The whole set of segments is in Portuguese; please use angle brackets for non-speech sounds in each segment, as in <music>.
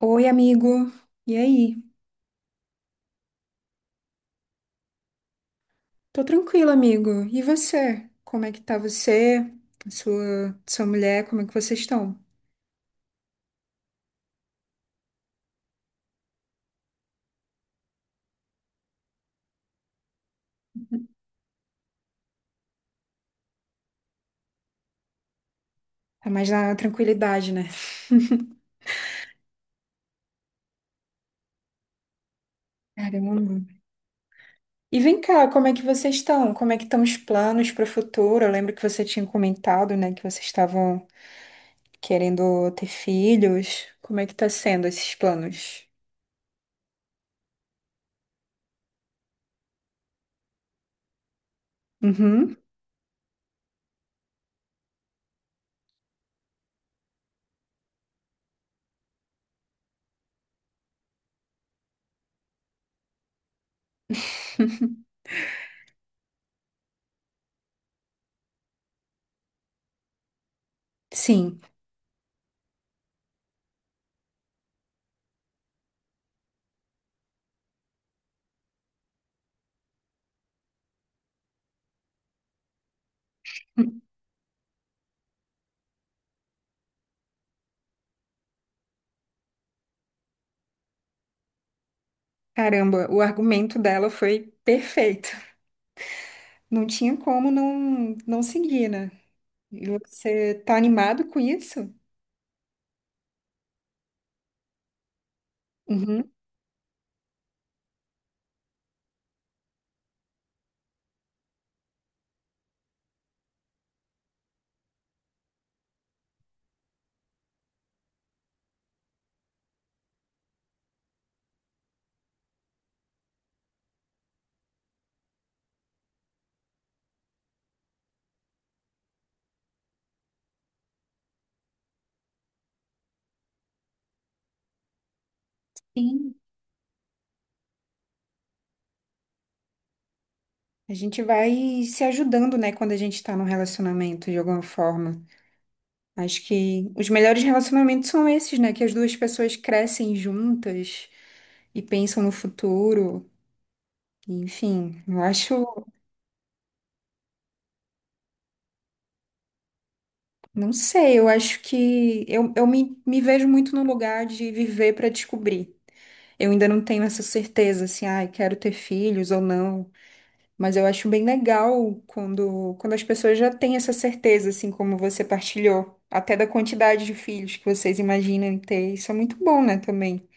Oi, amigo. E aí? Tô tranquila, amigo. E você? Como é que tá você? Sua mulher, como é que vocês estão? Tá mais na tranquilidade, né? Caramba. E vem cá, como é que vocês estão? Como é que estão os planos para o futuro? Eu lembro que você tinha comentado, né, que vocês estavam querendo ter filhos. Como é que tá sendo esses planos? Uhum. Sim. Caramba, o argumento dela foi perfeito. Não tinha como não seguir, né? E você tá animado com isso? Uhum. Sim. A gente vai se ajudando, né, quando a gente tá num relacionamento de alguma forma. Acho que os melhores relacionamentos são esses, né, que as duas pessoas crescem juntas e pensam no futuro. Enfim, eu acho, não sei, eu acho que eu me vejo muito no lugar de viver para descobrir. Eu ainda não tenho essa certeza, assim, ah, eu quero ter filhos ou não. Mas eu acho bem legal quando as pessoas já têm essa certeza, assim como você partilhou, até da quantidade de filhos que vocês imaginam ter. Isso é muito bom, né, também.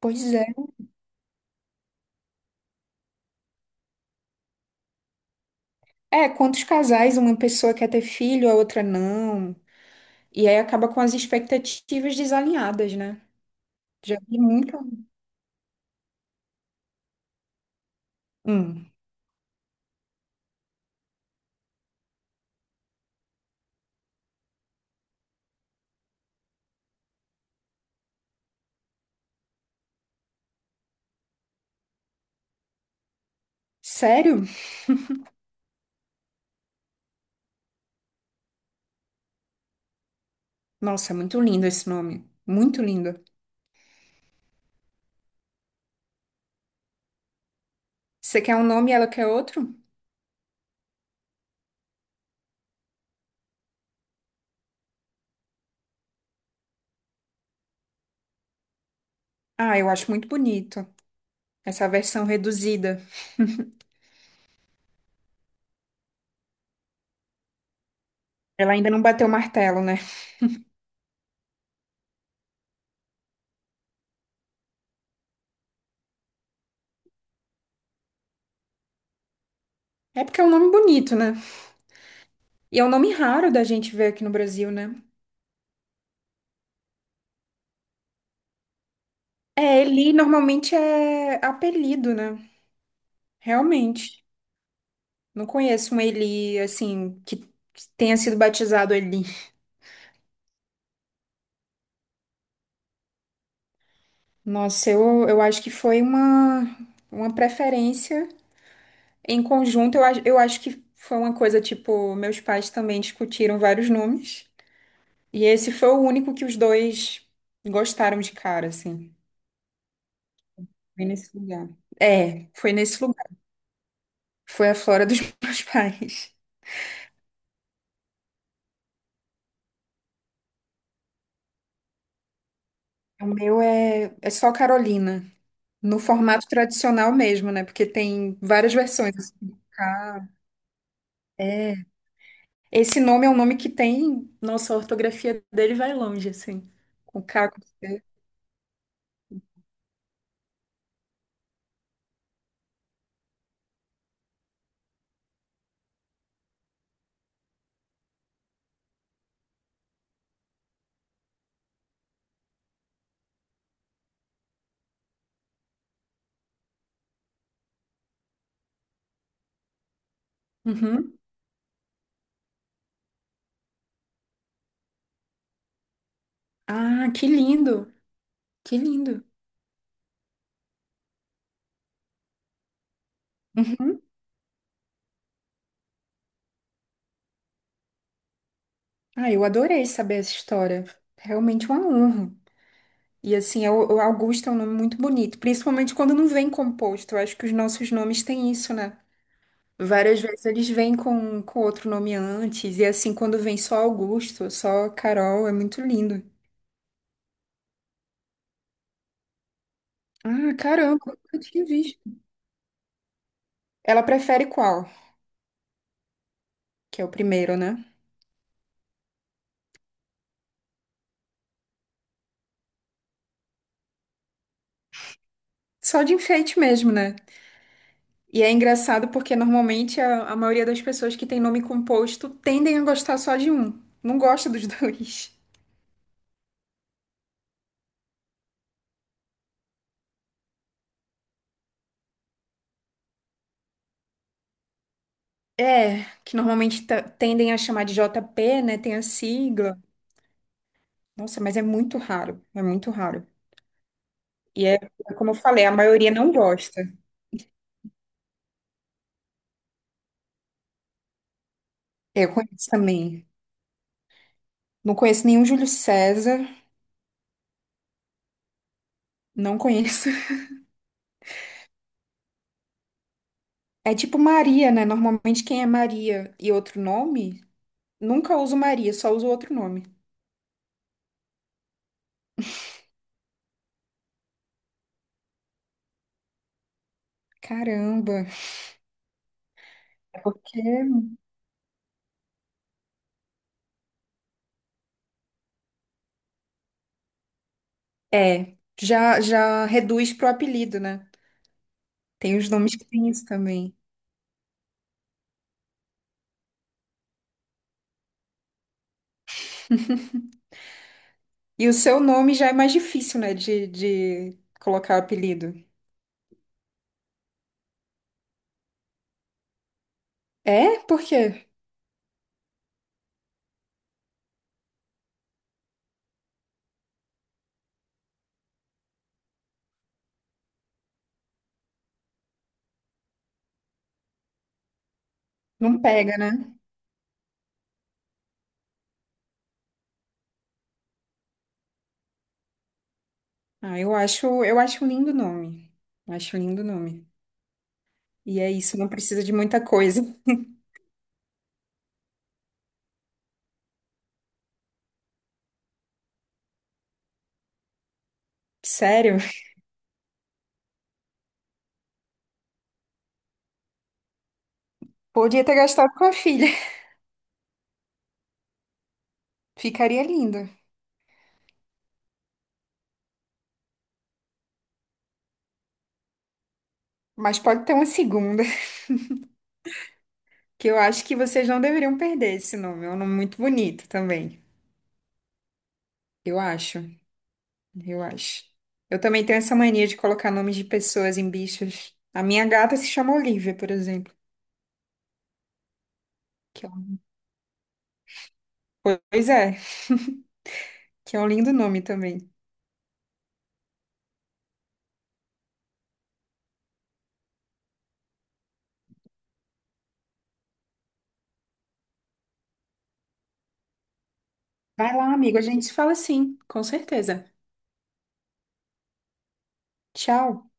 Pois é. É, quantos casais uma pessoa quer ter filho, a outra não. E aí acaba com as expectativas desalinhadas, né? Já vi muito. Hum. Sério? Nossa, é muito lindo esse nome. Muito lindo. Você quer um nome e ela quer outro? Ah, eu acho muito bonito. Essa versão reduzida. Ela ainda não bateu o martelo, né? É porque é um nome bonito, né? E é um nome raro da gente ver aqui no Brasil, né? É, Eli normalmente é apelido, né? Realmente. Não conheço um Eli, assim, que tenha sido batizado Eli. Nossa, eu acho que foi uma preferência em conjunto. Eu acho que foi uma coisa, tipo, meus pais também discutiram vários nomes. E esse foi o único que os dois gostaram de cara, assim. Foi nesse lugar. É, foi nesse lugar. Foi a Flora dos <laughs> meus pais. O meu é só Carolina, no formato tradicional mesmo, né? Porque tem várias versões, assim. Ah, esse nome é um nome que tem. Nossa, a ortografia dele vai longe, assim. Com K. Uhum. Ah, que lindo! Que lindo! Uhum. Ah, eu adorei saber essa história. Realmente uma honra. E assim, é o Augusto é um nome muito bonito, principalmente quando não vem composto. Eu acho que os nossos nomes têm isso, né? Várias vezes eles vêm com outro nome antes, e assim, quando vem só Augusto, só Carol, é muito lindo. Ah, caramba, eu nunca tinha visto. Ela prefere qual? Que é o primeiro, né? Só de enfeite mesmo, né? E é engraçado porque normalmente a maioria das pessoas que tem nome composto tendem a gostar só de um. Não gosta dos <laughs> dois. É, que normalmente tendem a chamar de JP, né? Tem a sigla. Nossa, mas é muito raro. É muito raro. E é como eu falei, a maioria não gosta. Eu conheço também. Não conheço nenhum Júlio César, não conheço. <laughs> É tipo Maria, né? Normalmente quem é Maria e outro nome, nunca uso Maria, só uso outro nome. Caramba. É porque é, já já reduz pro apelido, né? Tem os nomes que tem isso também. E o seu nome já é mais difícil, né, de colocar apelido. É? Por quê? Não pega, né? Ah, eu acho um lindo nome. Acho um lindo nome. E é isso, não precisa de muita coisa. Sério? Podia ter gastado com a filha. Ficaria lindo. Mas pode ter uma segunda, que eu acho que vocês não deveriam perder esse nome. É um nome muito bonito também. Eu acho, eu acho. Eu também tenho essa mania de colocar nomes de pessoas em bichos. A minha gata se chama Olivia, por exemplo. Que é um... Pois é, que é um lindo nome também. Vai lá, amigo, a gente se fala sim, com certeza. Tchau.